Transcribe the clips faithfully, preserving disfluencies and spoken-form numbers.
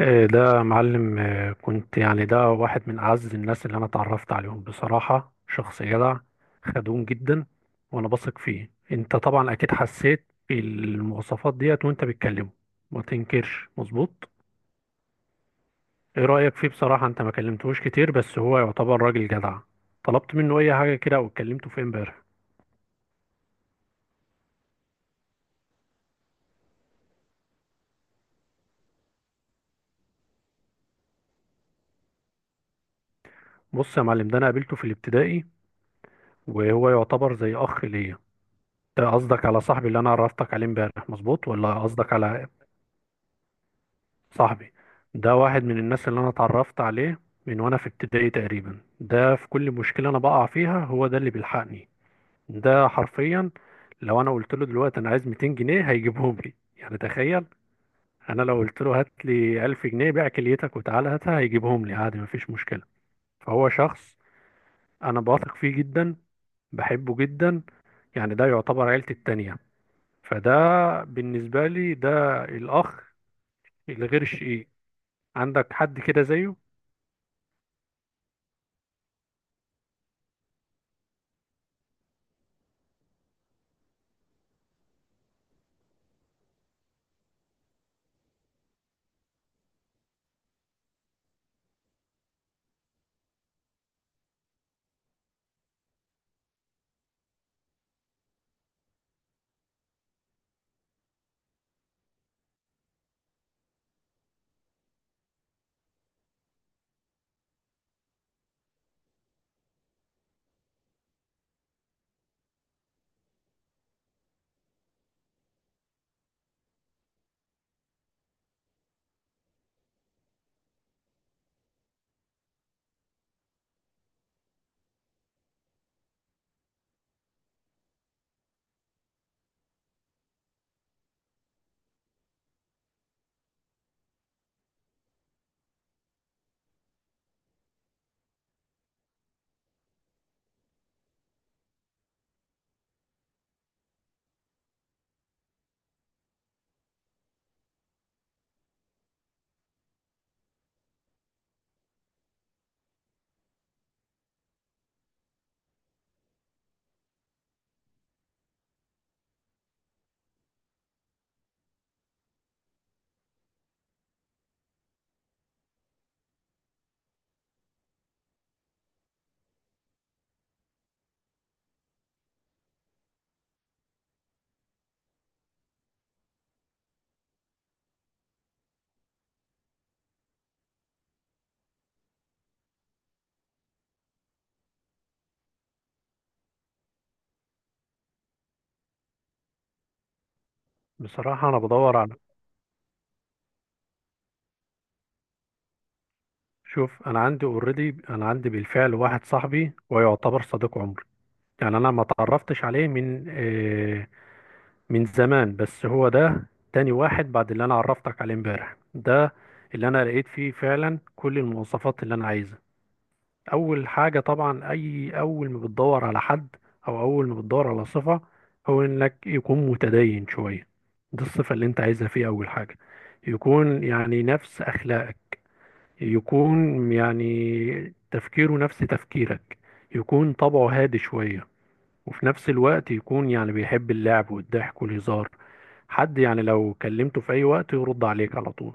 إيه ده معلم، إيه كنت يعني ده واحد من أعز الناس اللي أنا اتعرفت عليهم. بصراحة شخص جدع، خدوم جدا، وأنا بثق فيه. أنت طبعا أكيد حسيت بالمواصفات ديت وأنت بتكلمه، ما تنكرش، مظبوط؟ إيه رأيك فيه بصراحة؟ أنت ما كلمتهوش كتير، بس هو يعتبر راجل جدع. طلبت منه أي حاجة كده أو اتكلمته في إمبارح؟ بص يا معلم، ده أنا قابلته في الابتدائي، وهو يعتبر زي أخ ليا. ده قصدك على صاحبي اللي أنا عرفتك عليه إمبارح مظبوط، ولا قصدك على صاحبي؟ ده واحد من الناس اللي انا اتعرفت عليه من وانا في ابتدائي تقريبا. ده في كل مشكلة انا بقع فيها هو ده اللي بيلحقني. ده حرفيا لو انا قلت له دلوقتي انا عايز مئتين جنيه هيجيبهم لي، يعني تخيل. انا لو قلت له هات لي ألف جنيه بيع كليتك وتعالى هاتها هيجيبهم لي عادي، مفيش مشكلة. فهو شخص انا بثق فيه جدا، بحبه جدا. يعني ده يعتبر عيلتي التانية، فده بالنسبة لي ده الاخ الغير شقيق. عندك حد كده زيه؟ بصراحة أنا بدور على، شوف أنا عندي أوريدي، أنا عندي بالفعل واحد صاحبي ويعتبر صديق عمري. يعني أنا ما تعرفتش عليه من آه من زمان، بس هو ده تاني واحد بعد اللي أنا عرفتك عليه امبارح، ده اللي أنا لقيت فيه فعلا كل المواصفات اللي أنا عايزها. أول حاجة طبعا، أي أول ما بتدور على حد أو أول ما بتدور على صفة، هو إنك يكون متدين شوية. دي الصفة اللي أنت عايزها فيه أول حاجة. يكون يعني نفس أخلاقك، يكون يعني تفكيره نفس تفكيرك، يكون طبعه هادي شوية، وفي نفس الوقت يكون يعني بيحب اللعب والضحك والهزار. حد يعني لو كلمته في أي وقت يرد عليك على طول.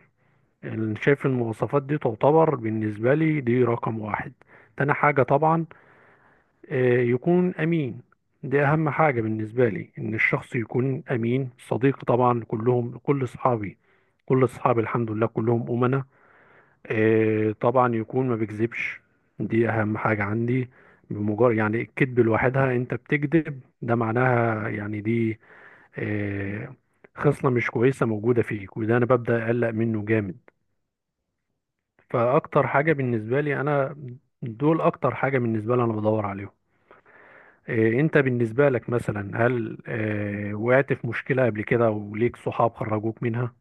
أنا شايف المواصفات دي تعتبر بالنسبة لي دي رقم واحد. تاني حاجة طبعا، آه، يكون أمين. دي أهم حاجة بالنسبة لي، إن الشخص يكون أمين. صديق طبعا كلهم، كل أصحابي، كل أصحابي الحمد لله كلهم أمناء. آه، طبعا يكون ما بيكذبش. دي اهم حاجة عندي. بمجرد يعني الكذب لوحدها انت بتكذب، ده معناها يعني دي آه، خصلة مش كويسة موجودة فيك، وده انا ببدأ اقلق منه جامد. فاكتر حاجة بالنسبة لي انا، دول اكتر حاجة بالنسبة لي انا بدور عليهم. آه، انت بالنسبة لك مثلا هل آه، وقعت في مشكلة قبل كده وليك صحاب خرجوك منها؟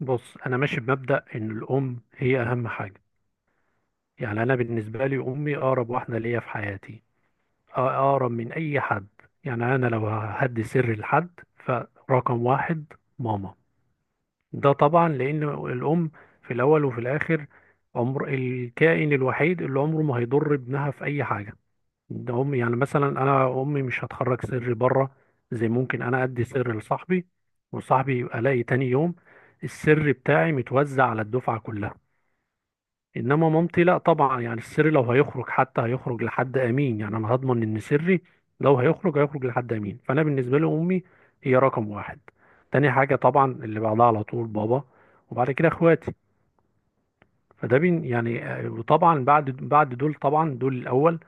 بص انا ماشي بمبدأ ان الام هي اهم حاجة. يعني انا بالنسبه لي امي اقرب واحده ليا في حياتي، أ- اقرب من اي حد. يعني انا لو هدي سر لحد فرقم واحد ماما. ده طبعا لان الام في الاول وفي الاخر عمر الكائن الوحيد اللي عمره ما هيضر ابنها في اي حاجه، ده امي. يعني مثلا انا امي مش هتخرج سر بره، زي ممكن انا ادي سر لصاحبي وصاحبي يبقى الاقي تاني يوم السر بتاعي متوزع على الدفعه كلها. انما مامتي لا طبعا، يعني السر لو هيخرج حتى هيخرج لحد امين. يعني انا هضمن ان سري لو هيخرج هيخرج لحد امين. فانا بالنسبه لي امي هي رقم واحد. تاني حاجه طبعا اللي بعدها على طول بابا، وبعد كده اخواتي. فده بين يعني آه، وطبعا بعد بعد دول طبعا، دول الاول.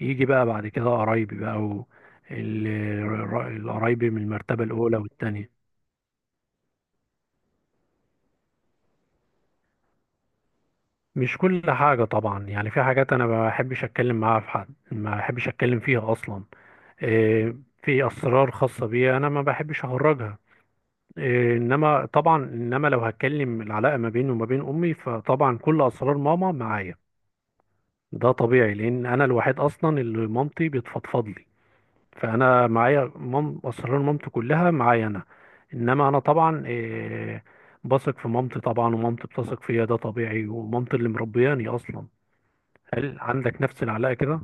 يجي بقى بعد كده قرايبي بقى، و ال- الر- القرايبي من المرتبه الاولى والتانيه. مش كل حاجه طبعا، يعني في حاجات انا ما بحبش اتكلم معاها، في حد ما بحبش اتكلم فيها اصلا. آه، في اسرار خاصه بيا انا ما بحبش اخرجها. آه، انما طبعا، انما لو هتكلم العلاقه ما بيني وما بين امي فطبعا كل اسرار ماما معايا. ده طبيعي لان انا الوحيد اصلا اللي مامتي بتفضفض لي. فانا معايا مام اسرار مامتي كلها معايا انا. انما انا طبعا، آه، بثق في مامتي طبعا، ومامتي بتثق فيا، ده طبيعي، ومامتي اللي مربياني اصلا. هل عندك نفس العلاقه كده؟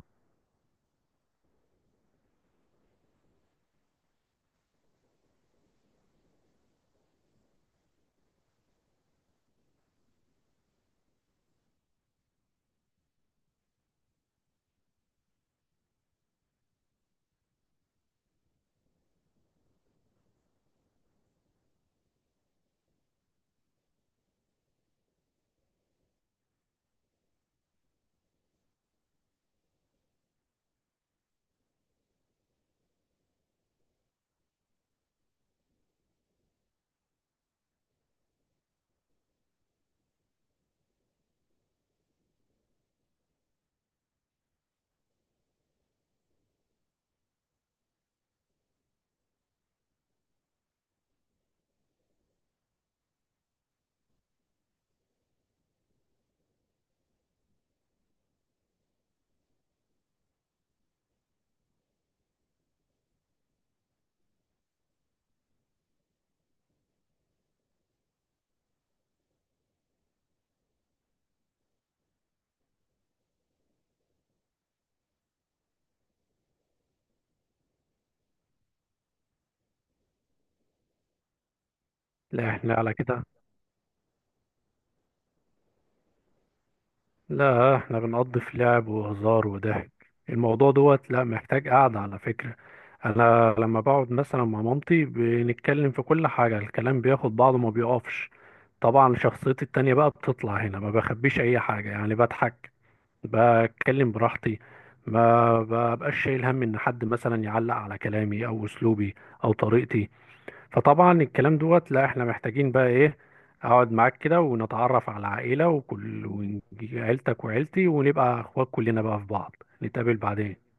لا احنا على كده، لا احنا بنقضي في لعب وهزار وضحك. الموضوع دوت لا محتاج قعدة على فكرة. انا لما بقعد مثلا مع مامتي بنتكلم في كل حاجة، الكلام بياخد بعضه ما بيقفش. طبعا شخصيتي التانية بقى بتطلع هنا، ما بخبيش اي حاجة، يعني بضحك، بتكلم براحتي، ما ببقاش شايل هم ان حد مثلا يعلق على كلامي او اسلوبي او طريقتي. فطبعا الكلام دوت لا احنا محتاجين بقى ايه، اقعد معاك كده ونتعرف على عائلة وكل ونجي- عيلتك وعيلتي ونبقى اخوات كلنا بقى في بعض، نتقابل بعدين.